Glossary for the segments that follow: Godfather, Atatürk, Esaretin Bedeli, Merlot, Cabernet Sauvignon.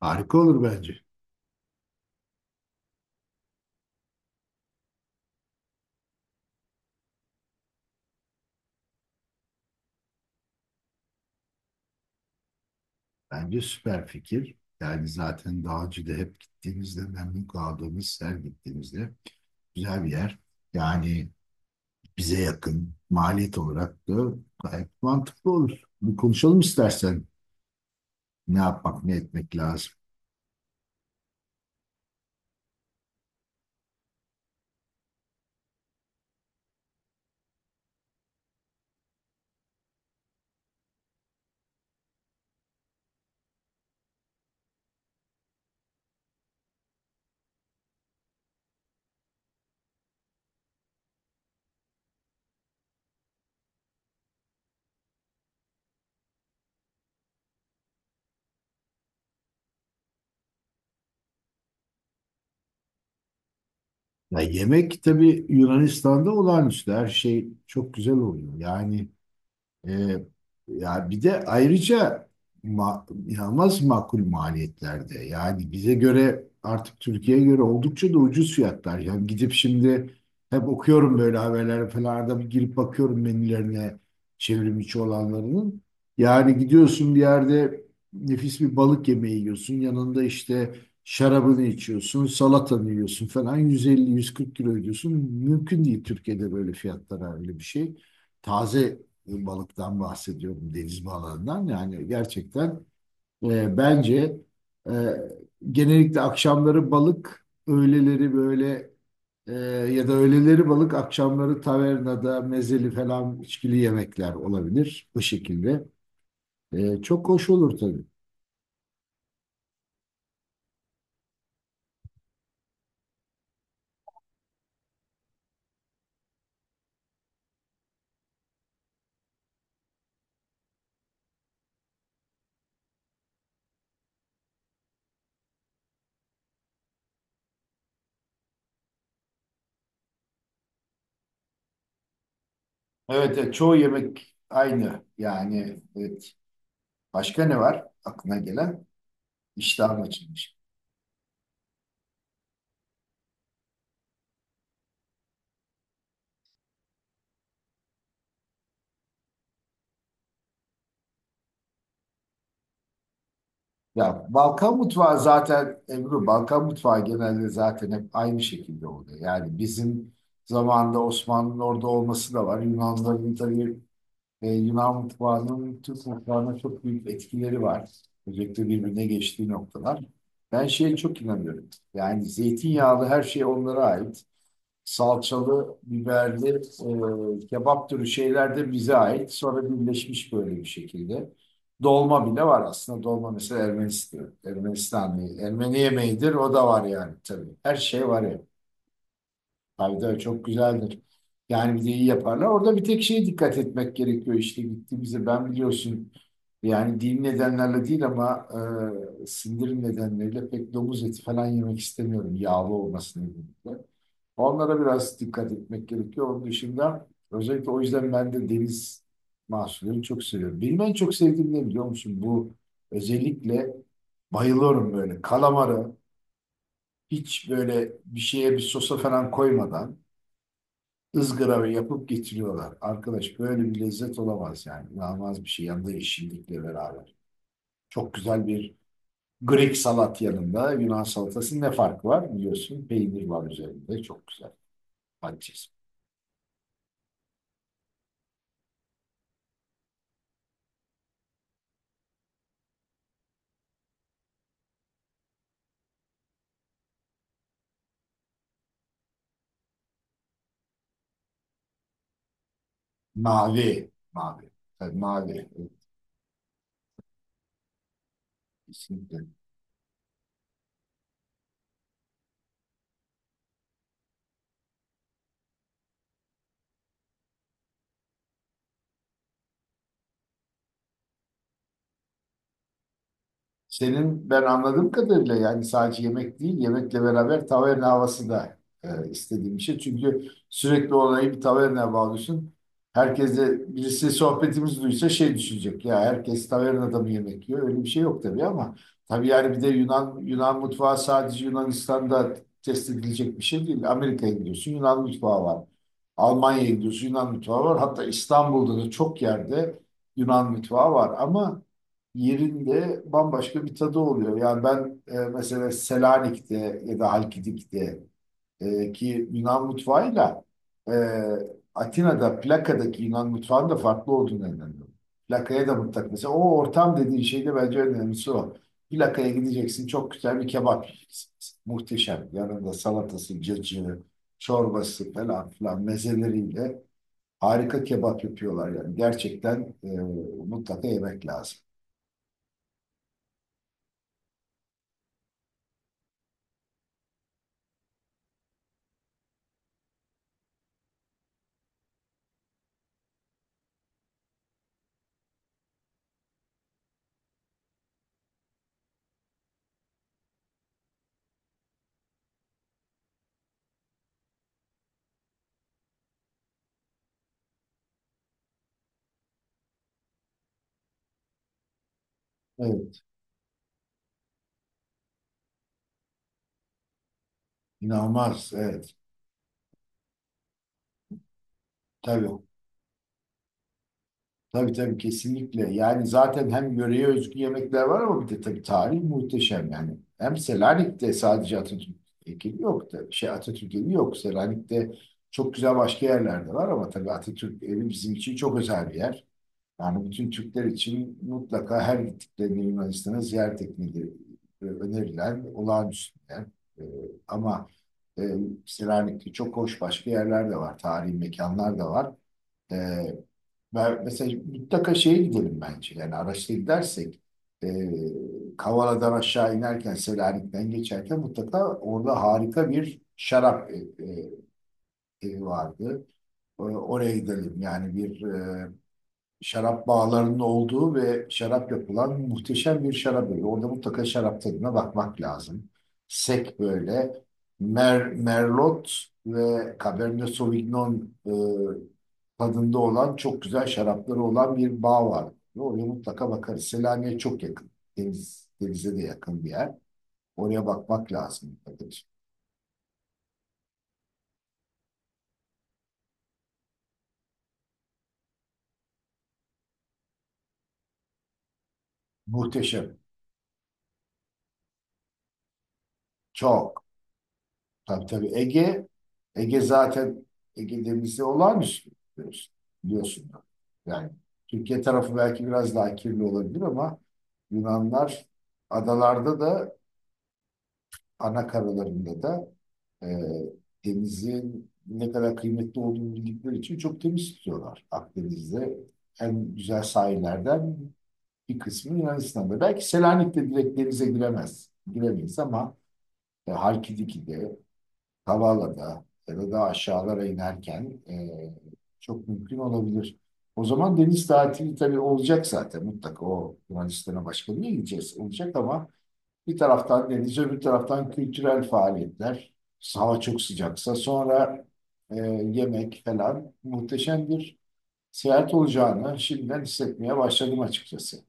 Harika olur bence. Bence süper fikir. Yani zaten daha önce hep gittiğimizde memnun kaldığımız, her gittiğimizde güzel bir yer. Yani bize yakın maliyet olarak da gayet mantıklı olur. Bir konuşalım istersen ne yapmak ne etmek lazım. Ya yemek tabii Yunanistan'da olağanüstü, her şey çok güzel oluyor. Yani Ee, ya bir de ayrıca inanılmaz makul maliyetlerde. Yani bize göre artık Türkiye'ye göre oldukça da ucuz fiyatlar. Yani gidip şimdi hep okuyorum böyle, haberler falan arada bir girip bakıyorum menülerine, çevrim içi olanlarının. Yani gidiyorsun bir yerde nefis bir balık yemeği yiyorsun. Yanında işte şarabını içiyorsun, salatanı yiyorsun falan, 150 140 kilo ödüyorsun. Mümkün değil Türkiye'de böyle fiyatlara öyle bir şey. Taze balıktan bahsediyorum, deniz balıklarından. Yani gerçekten bence e, genellikle akşamları balık, öğleleri böyle e, ya da öğleleri balık, akşamları tavernada mezeli falan içkili yemekler olabilir bu şekilde. Çok hoş olur tabii. Evet, evet, çoğu yemek aynı. Yani evet. Başka ne var aklına gelen? İştahım açılmış. Ya Balkan mutfağı zaten Ebru, Balkan mutfağı genelde zaten hep aynı şekilde oluyor. Yani bizim zamanında Osmanlı'nın orada olması da var. Yunanların tabii Yunan mutfağının Türk mutfağına çok büyük etkileri var. Özellikle birbirine geçtiği noktalar. Ben şeye çok inanıyorum. Yani zeytinyağlı her şey onlara ait, salçalı, biberli, kebap türü şeyler de bize ait. Sonra birleşmiş böyle bir şekilde. Dolma bile var aslında. Dolma mesela Ermeni yemeğidir. O da var yani tabii. Her şey var ya. Tabii tabii çok güzeldir. Yani bir de iyi yaparlar. Orada bir tek şeye dikkat etmek gerekiyor işte gittiğimizde. Ben biliyorsun, yani dini nedenlerle değil ama sindirim nedenleriyle pek domuz eti falan yemek istemiyorum. Yağlı olması nedeniyle. Onlara biraz dikkat etmek gerekiyor. Onun dışında özellikle o yüzden ben de deniz mahsullerini çok seviyorum. Benim en çok sevdiğim ne, biliyor musun? Bu özellikle bayılıyorum, böyle kalamarı hiç böyle bir şeye, bir sosa falan koymadan ızgara ve yapıp getiriyorlar. Arkadaş, böyle bir lezzet olamaz yani. İnanılmaz bir şey, yanında yeşillikle beraber. Çok güzel bir Greek salat, yanında Yunan salatasının ne farkı var biliyorsun. Peynir var üzerinde, çok güzel. Patates. Mavi. Mavi. Tabii mavi. Evet, kesinlikle. Senin ben anladığım kadarıyla, yani sadece yemek değil, yemekle beraber taverna havası da istediğim bir şey. Çünkü sürekli olayı bir tavernaya bağlıyorsun. Herkes de, birisi sohbetimizi duysa şey düşünecek: ya herkes tavernada mı yemek yiyor? Öyle bir şey yok tabii ama tabii yani bir de Yunan mutfağı sadece Yunanistan'da test edilecek bir şey değil. Amerika'ya gidiyorsun, Yunan mutfağı var. Almanya'ya gidiyorsun, Yunan mutfağı var. Hatta İstanbul'da da çok yerde Yunan mutfağı var ama yerinde bambaşka bir tadı oluyor. Yani ben mesela Selanik'te ya da Halkidik'te ki Yunan mutfağıyla e, Atina'da plakadaki Yunan mutfağının da farklı olduğunu inanıyorum. Plakaya da mutlaka, mesela o ortam dediğin şey de bence en önemlisi o. Plakaya gideceksin, çok güzel bir kebap yiyeceksin. Muhteşem. Yanında salatası, cacığı, çorbası falan filan mezeleriyle harika kebap yapıyorlar yani. Gerçekten mutlaka yemek lazım. Evet. İnanılmaz, evet. Tabii, tabii tabii kesinlikle. Yani zaten hem yöreye özgü yemekler var ama bir de tabii tarih muhteşem yani. Hem Selanik'te sadece Atatürk heykeli yok da şey Atatürk evi yok. Selanik'te çok güzel başka yerlerde var ama tabii Atatürk evi bizim için çok özel bir yer. Yani bütün Türkler için mutlaka her gittiklerinde Yunanistan'a ziyaret etmeleri önerilen olağanüstü bir yer. E, ama e, Selanik'te çok hoş başka yerler de var, tarihi mekanlar da var. E, ve mesela mutlaka şeye gidelim bence. Yani araçla gidersek e, Kavala'dan aşağı inerken, Selanik'ten geçerken mutlaka orada harika bir şarap evi vardı. Oraya gidelim. Yani bir şarap bağlarının olduğu ve şarap yapılan muhteşem bir şarap evi. Orada mutlaka şarap tadına bakmak lazım. Sek böyle Merlot ve Cabernet Sauvignon tadında olan çok güzel şarapları olan bir bağ var. Oraya mutlaka bakarız. Selanik'e çok yakın. Denize de yakın bir yer. Oraya bakmak lazım. Muhteşem. Çok. Tabii tabii Ege zaten Ege denizi olağanüstü, biliyorsun. Da. Yani Türkiye tarafı belki biraz daha kirli olabilir ama Yunanlar adalarda da, ana karalarında da e, denizin ne kadar kıymetli olduğunu bildikleri için çok temiz tutuyorlar. Akdeniz'de en güzel sahillerden bir kısmı Yunanistan'da. Belki Selanik'te direkt denize giremeyiz ama Halkidiki'de, Kavala'da ya da aşağılara inerken çok mümkün olabilir. O zaman deniz tatili tabii olacak zaten, mutlaka o Yunanistan'a başka bir yere gideceğiz olacak ama bir taraftan deniz, öbür taraftan kültürel faaliyetler. Hava çok sıcaksa sonra e, yemek falan, muhteşem bir seyahat olacağını şimdiden hissetmeye başladım açıkçası.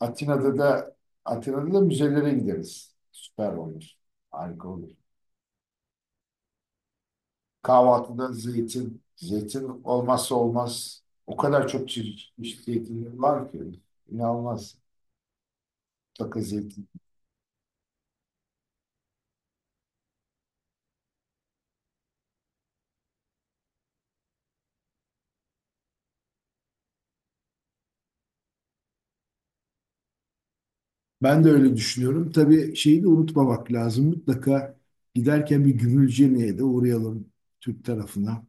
Atina'da da Atina'da da müzelere gideriz. Süper olur. Harika olur. Kahvaltıda zeytin. Zeytin olmazsa olmaz. O kadar çok çeşitli zeytinler var ki. İnanılmaz. Mutlaka zeytin. Ben de öyle düşünüyorum. Tabii şeyi de unutmamak lazım. Mutlaka giderken bir Gümülcene'ye de uğrayalım, Türk tarafına.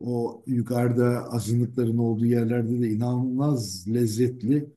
O yukarıda azınlıkların olduğu yerlerde de inanılmaz lezzetli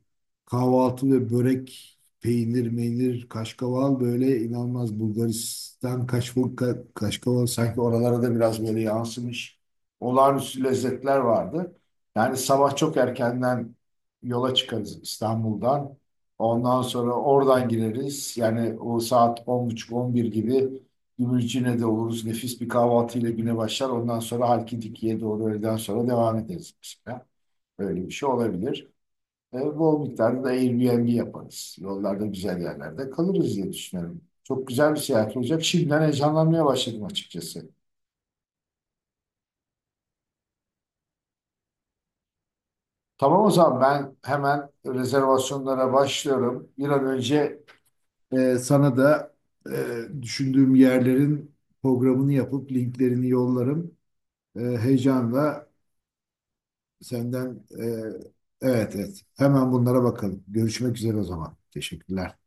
kahvaltı ve börek, peynir, meynir, kaşkaval, böyle inanılmaz Bulgaristan kaşkaval, kaşkaval sanki oralara da biraz böyle yansımış, olağanüstü lezzetler vardı. Yani sabah çok erkenden yola çıkarız İstanbul'dan. Ondan sonra oradan gireriz. Yani o saat 10.30-11 gibi Gümüşcine'de de oluruz. Nefis bir kahvaltıyla güne başlar. Ondan sonra Halkidiki'ye doğru öğleden sonra devam ederiz mesela. Böyle bir şey olabilir. Bol miktarda da Airbnb yaparız. Yollarda güzel yerlerde kalırız diye düşünüyorum. Çok güzel bir seyahat olacak. Şimdiden heyecanlanmaya başladım açıkçası. Tamam o zaman ben hemen rezervasyonlara başlıyorum. Bir an önce sana da düşündüğüm yerlerin programını yapıp linklerini yollarım. Heyecanla. Senden evet evet. Hemen bunlara bakalım. Görüşmek üzere o zaman. Teşekkürler.